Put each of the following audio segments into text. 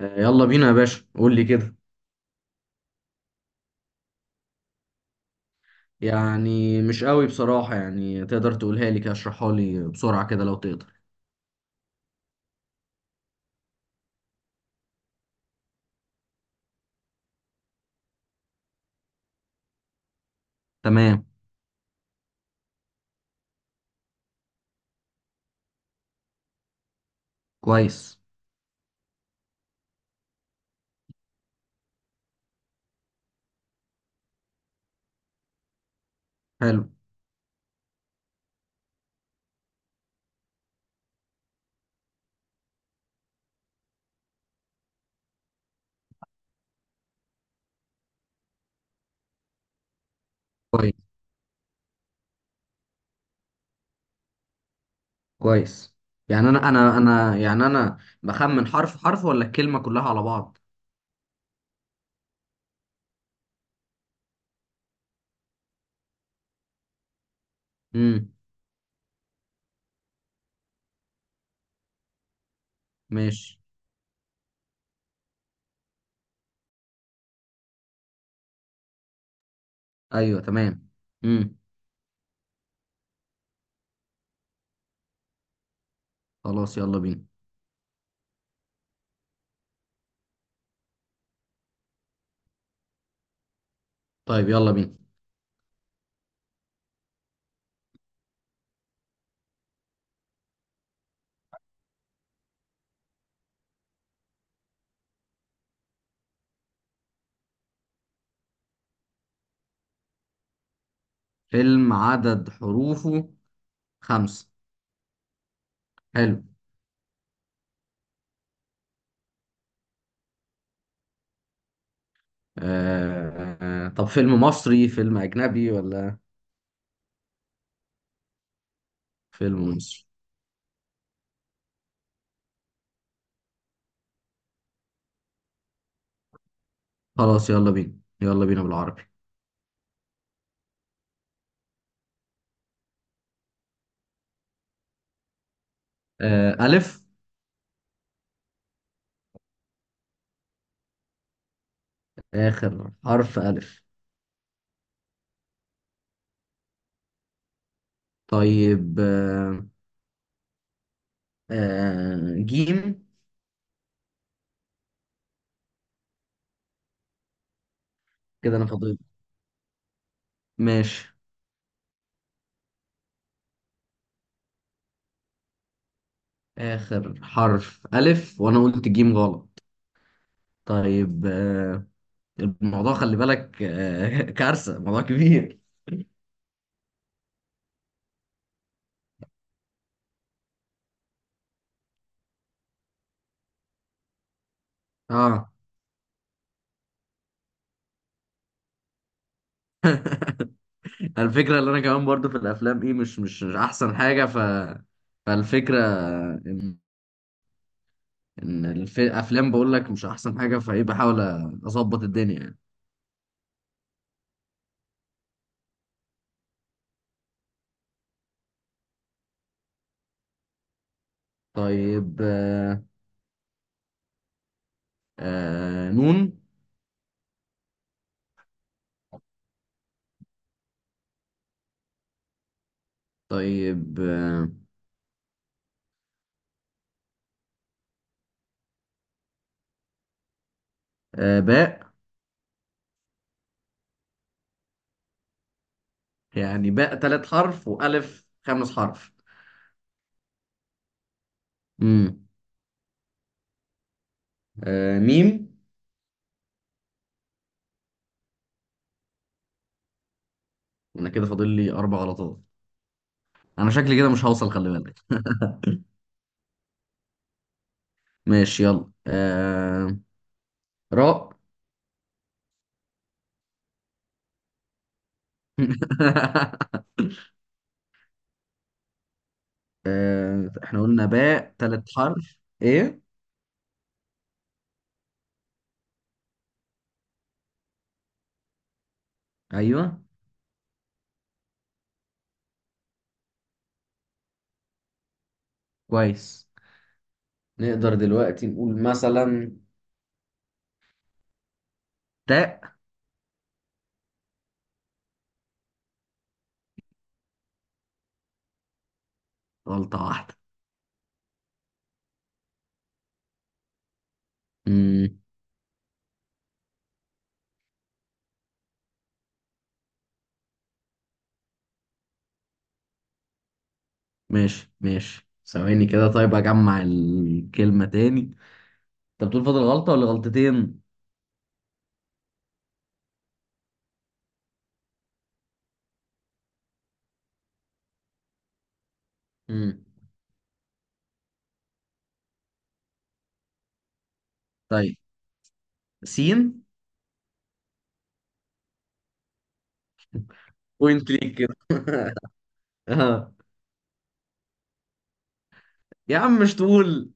آه، يلا بينا يا باشا قول لي كده. يعني مش قوي بصراحة، يعني تقدر تقولها لي كده، اشرحها لي بسرعة كده لو تقدر. تمام. كويس. حلو. كويس. كويس. يعني انا بخمن حرف حرف ولا الكلمة كلها على بعض؟ امم. ماشي. ايوه، تمام. امم. خلاص، يلا بينا. طيب يلا بينا. فيلم عدد حروفه خمسة. حلو. طب فيلم مصري فيلم أجنبي ولا؟ فيلم مصري. خلاص يلا بينا، يلا بينا بالعربي. ألف. آخر حرف ألف. طيب. جيم. كده أنا فاضل. ماشي. آخر حرف ألف وأنا قلت جيم غلط. طيب. الموضوع خلي بالك كارثة، موضوع كبير. اه. الفكرة اللي أنا كمان برضو في الأفلام إيه، مش أحسن حاجة، فالفكرة إن إن الأفلام، بقول لك مش أحسن حاجة فإيه، بحاول أظبط الدنيا. طيب. نون. طيب. باء. يعني باء ثلاث حرف وألف خمس حرف. مم. ميم. أنا كده فاضل لي أربع غلطات. أنا شكلي كده مش هوصل، خلي بالك. ماشي يلا. راء. احنا قلنا باء ثلاث حرف. إيه. أيوه. كويس. نقدر دلوقتي نقول مثلا تاء. غلطة واحدة. مم. ماشي ماشي، ثواني كده. طيب اجمع الكلمة تاني، انت بتقول فاضل غلطة ولا غلطتين؟ امم. طيب، سين. بوينت ليك كده. اه يا عم مش تقول؟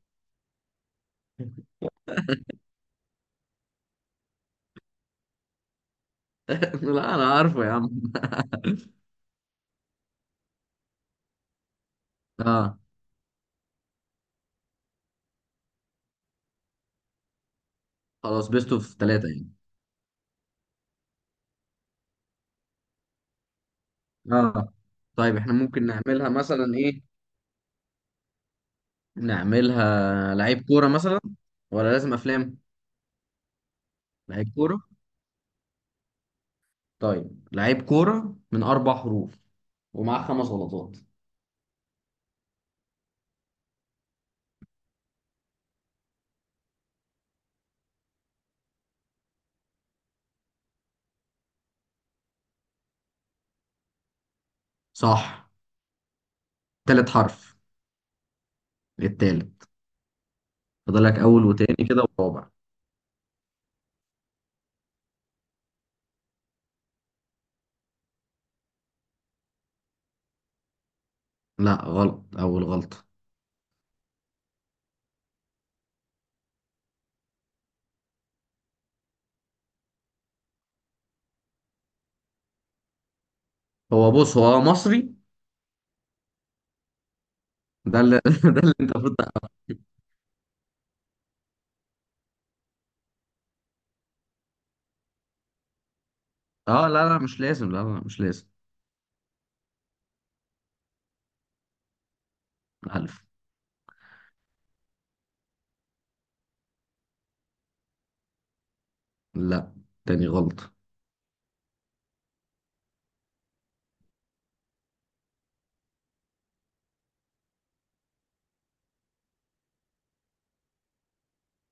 لا انا عارفه يا عم. اه. خلاص، بيست اوف ثلاثة يعني. اه. طيب احنا ممكن نعملها مثلا ايه، نعملها لعيب كورة مثلا ولا لازم افلام؟ لعيب كورة. طيب لعيب كورة من اربع حروف، ومعاه خمس غلطات. صح. تالت حرف. التالت. فضلك اول وتاني كده ورابع. لا غلط، اول غلطه. هو بص، هو مصري. ده اللي ده اللي انت المفروض تعرفه. اه لا لا مش لازم، لا لا مش لازم. الف. لا، تاني غلطه.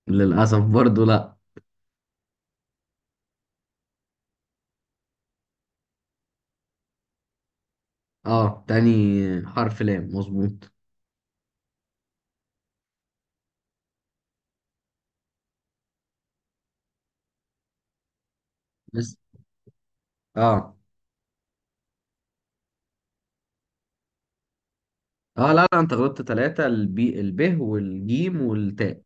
للاسف برضو لا. اه، تاني حرف لام مظبوط، بس. اه. اه لا لا انت غلطت ثلاثة، البي، الب والجيم والتاء.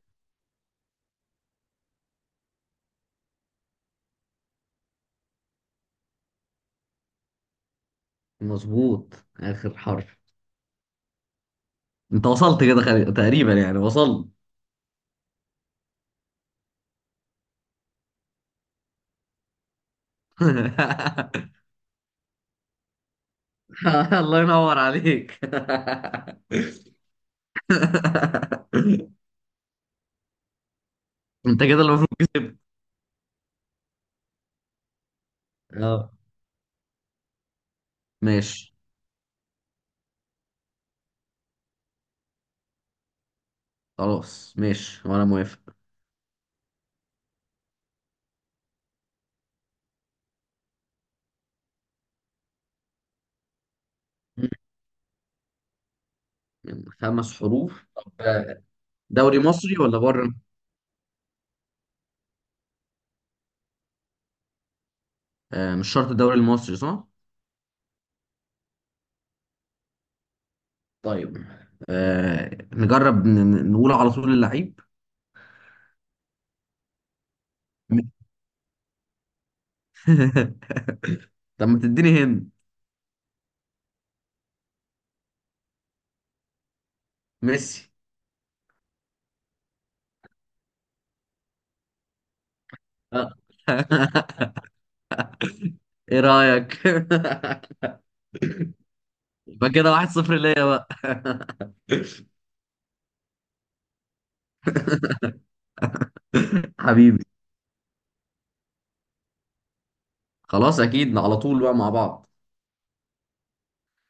مظبوط. اخر حرف. انت وصلت كده، خلي تقريبا يعني وصلت. الله ينور عليك. انت كده المفروض كسبت. اه. ماشي، خلاص ماشي وانا موافق. من خمس حروف؟ طب دوري مصري ولا بره؟ آه مش شرط الدوري المصري، صح؟ طيب. آه نجرب، نقول على طول اللعيب. طب ما تديني هند. ميسي. آه. ايه رأيك؟ يبقى كده 1-0 ليا بقى. حبيبي. خلاص اكيد على طول بقى مع بعض.